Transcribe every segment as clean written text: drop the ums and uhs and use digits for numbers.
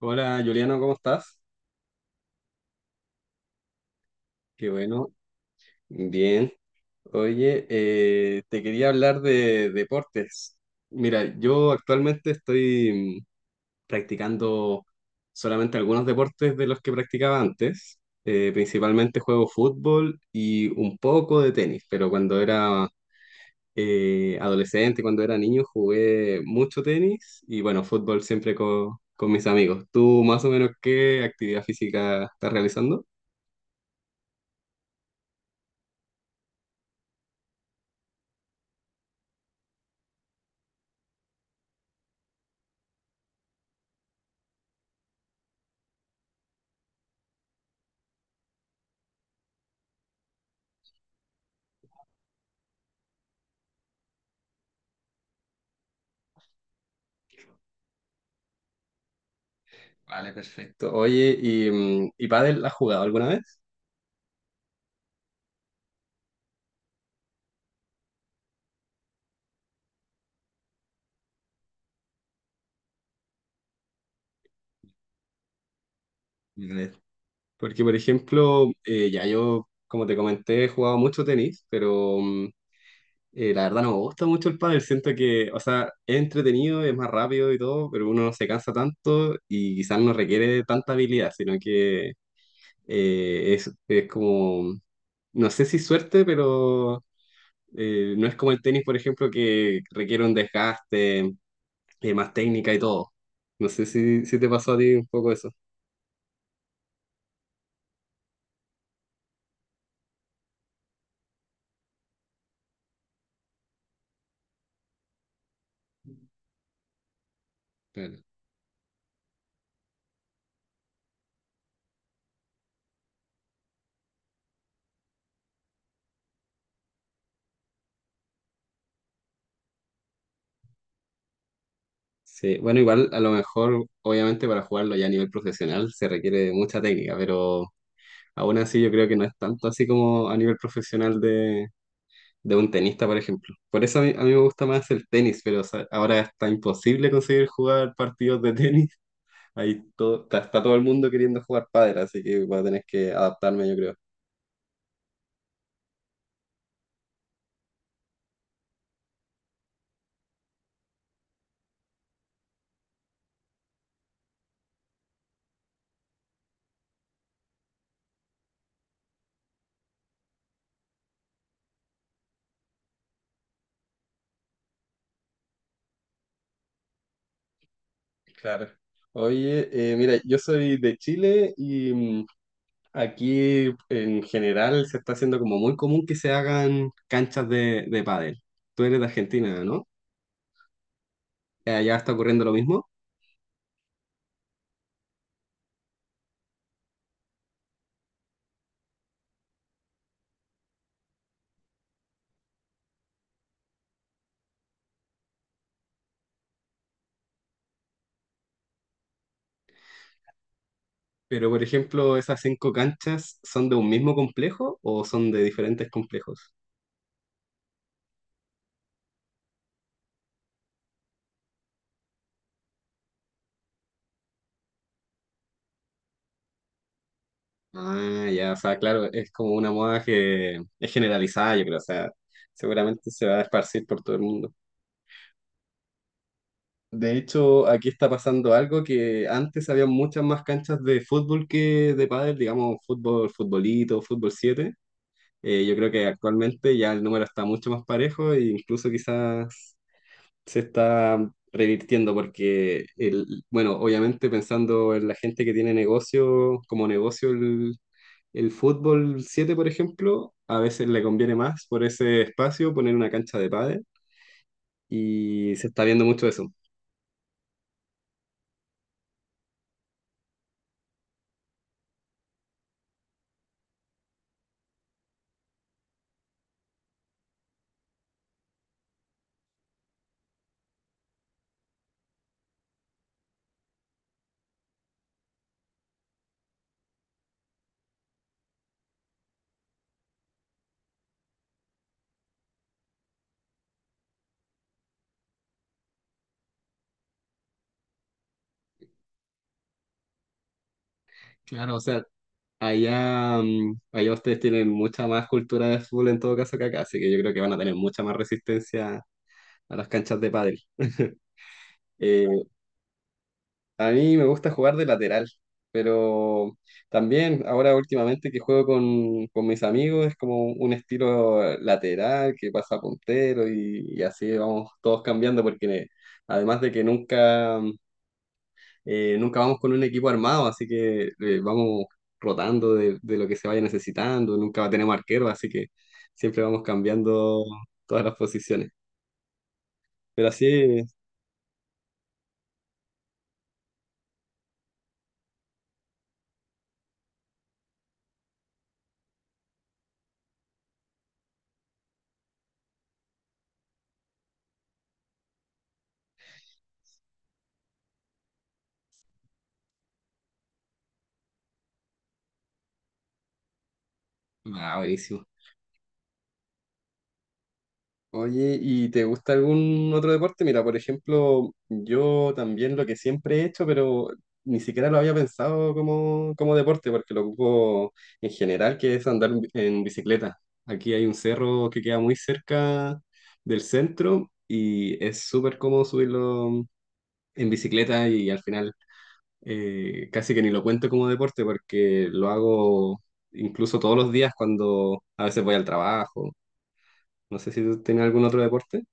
Hola Juliano, ¿cómo estás? Qué bueno, bien. Oye, te quería hablar de deportes. Mira, yo actualmente estoy practicando solamente algunos deportes de los que practicaba antes. Principalmente juego fútbol y un poco de tenis, pero cuando era adolescente, cuando era niño, jugué mucho tenis y bueno, fútbol siempre con mis amigos. ¿Tú más o menos qué actividad física estás realizando? Vale, perfecto. Oye, ¿y pádel has jugado alguna vez? Vale. Porque, por ejemplo, ya yo, como te comenté, he jugado mucho tenis, pero la verdad no me gusta mucho el pádel. Siento que, o sea, es entretenido, es más rápido y todo, pero uno no se cansa tanto y quizás no requiere de tanta habilidad, sino que es como, no sé si suerte, pero no es como el tenis, por ejemplo, que requiere un desgaste, y más técnica y todo. No sé si te pasó a ti un poco eso. Claro. Sí, bueno, igual a lo mejor, obviamente para jugarlo ya a nivel profesional se requiere de mucha técnica, pero aún así yo creo que no es tanto así como a nivel profesional de un tenista, por ejemplo. Por eso a mí me gusta más el tenis, pero o sea, ahora está imposible conseguir jugar partidos de tenis. Ahí está todo el mundo queriendo jugar pádel, así que voy a tener que adaptarme, yo creo. Claro. Oye, mira, yo soy de Chile y aquí en general se está haciendo como muy común que se hagan canchas de pádel. Tú eres de Argentina, ¿no? Allá está ocurriendo lo mismo, pero por ejemplo, ¿esas cinco canchas son de un mismo complejo o son de diferentes complejos? Ah, ya, o sea, claro, es como una moda que es generalizada, yo creo, o sea, seguramente se va a esparcir por todo el mundo. De hecho, aquí está pasando algo que antes había muchas más canchas de fútbol que de pádel, digamos, fútbol, futbolito, fútbol 7. Yo creo que actualmente ya el número está mucho más parejo e incluso quizás se está revirtiendo porque, bueno, obviamente pensando en la gente que tiene negocio, como negocio el fútbol 7 por ejemplo, a veces le conviene más por ese espacio poner una cancha de pádel y se está viendo mucho eso. Claro, o sea, allá ustedes tienen mucha más cultura de fútbol en todo caso que acá, así que yo creo que van a tener mucha más resistencia a las canchas de pádel. Eh, A mí me gusta jugar de lateral, pero también ahora últimamente que juego con mis amigos es como un estilo lateral que pasa a puntero y así vamos todos cambiando porque además de que nunca vamos con un equipo armado, así que vamos rotando de lo que se vaya necesitando, nunca tenemos arquero, así que siempre vamos cambiando todas las posiciones. Pero así, ah, buenísimo. Oye, ¿y te gusta algún otro deporte? Mira, por ejemplo, yo también lo que siempre he hecho, pero ni siquiera lo había pensado como, como deporte, porque lo ocupo en general, que es andar en en bicicleta. Aquí hay un cerro que queda muy cerca del centro y es súper cómodo subirlo en bicicleta y al final casi que ni lo cuento como deporte porque lo hago incluso todos los días cuando a veces voy al trabajo. No sé si tú tienes algún otro deporte.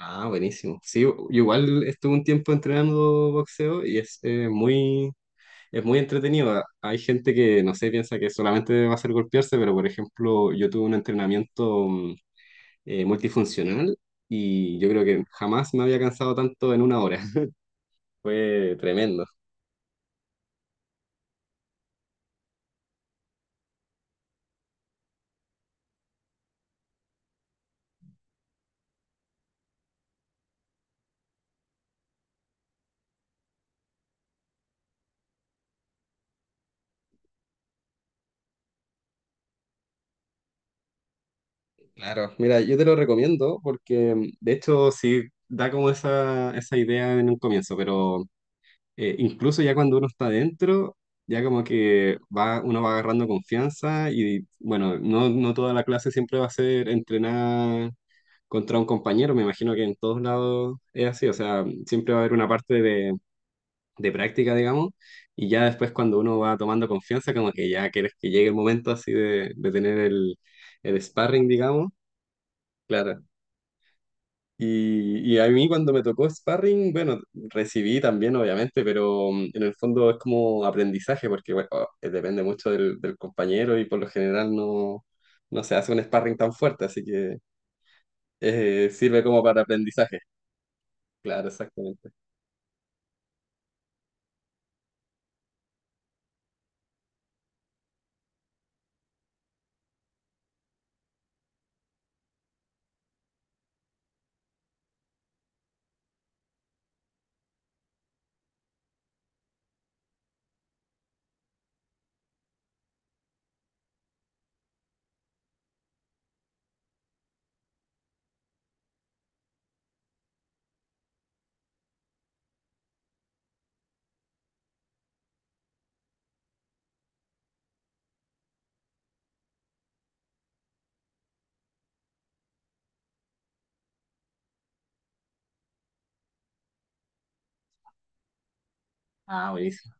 Ah, buenísimo. Sí, yo igual estuve un tiempo entrenando boxeo y es es muy entretenido. Ah, hay gente que, no sé, piensa que solamente va a ser golpearse, pero por ejemplo, yo tuve un entrenamiento multifuncional y yo creo que jamás me había cansado tanto en una hora. Fue tremendo. Claro, mira, yo te lo recomiendo porque de hecho sí da como esa idea en un comienzo, pero incluso ya cuando uno está dentro, ya como que va, uno va agarrando confianza y bueno, no toda la clase siempre va a ser entrenar contra un compañero, me imagino que en todos lados es así, o sea, siempre va a haber una parte de práctica, digamos, y ya después cuando uno va tomando confianza, como que ya quieres que llegue el momento así de tener el sparring, digamos, claro. Y a mí cuando me tocó sparring, bueno, recibí también obviamente, pero en el fondo es como aprendizaje, porque bueno, depende mucho del compañero y por lo general no se hace un sparring tan fuerte, así que sirve como para aprendizaje. Claro, exactamente. Ah, buenísimo.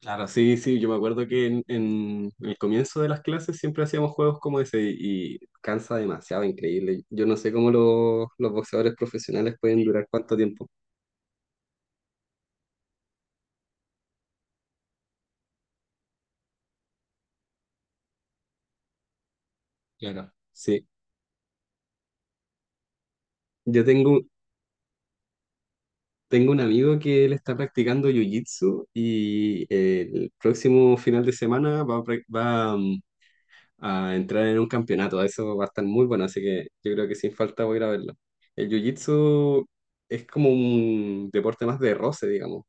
Claro, sí, sí, yo me acuerdo que en el comienzo de las clases siempre hacíamos juegos como ese y cansa demasiado, increíble. Yo no sé cómo los boxeadores profesionales pueden durar cuánto tiempo. Claro. Sí. Yo tengo, Tengo un amigo que él está practicando jiu-jitsu y el próximo final de semana va, a prac- va, mm, a entrar en un campeonato. Eso va a estar muy bueno, así que yo creo que sin falta voy a ir a verlo. El jiu-jitsu es como un deporte más de roce, digamos.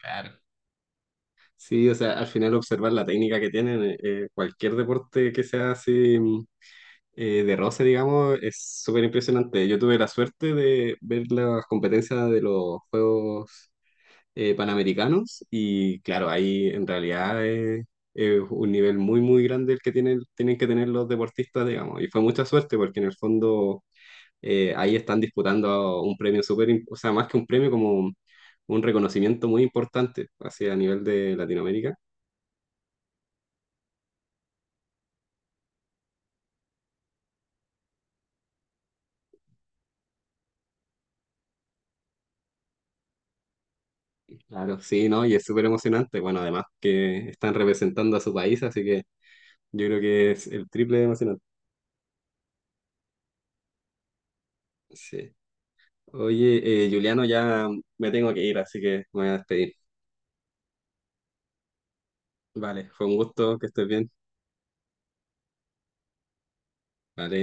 Claro. Sí, o sea, al final observar la técnica que tienen, cualquier deporte que sea así de roce, digamos, es súper impresionante. Yo tuve la suerte de ver las competencias de los Juegos. Panamericanos y claro, ahí en realidad es un nivel muy, muy grande el que tienen, tienen que tener los deportistas, digamos. Y fue mucha suerte porque en el fondo ahí están disputando un premio o sea, más que un premio como... un reconocimiento muy importante hacia a nivel de Latinoamérica. Claro, sí, ¿no? Y es súper emocionante. Bueno, además que están representando a su país, así que yo creo que es el triple de emocionante. Sí. Oye, Juliano, ya me tengo que ir, así que me voy a despedir. Vale, fue un gusto, que estés bien. Vale.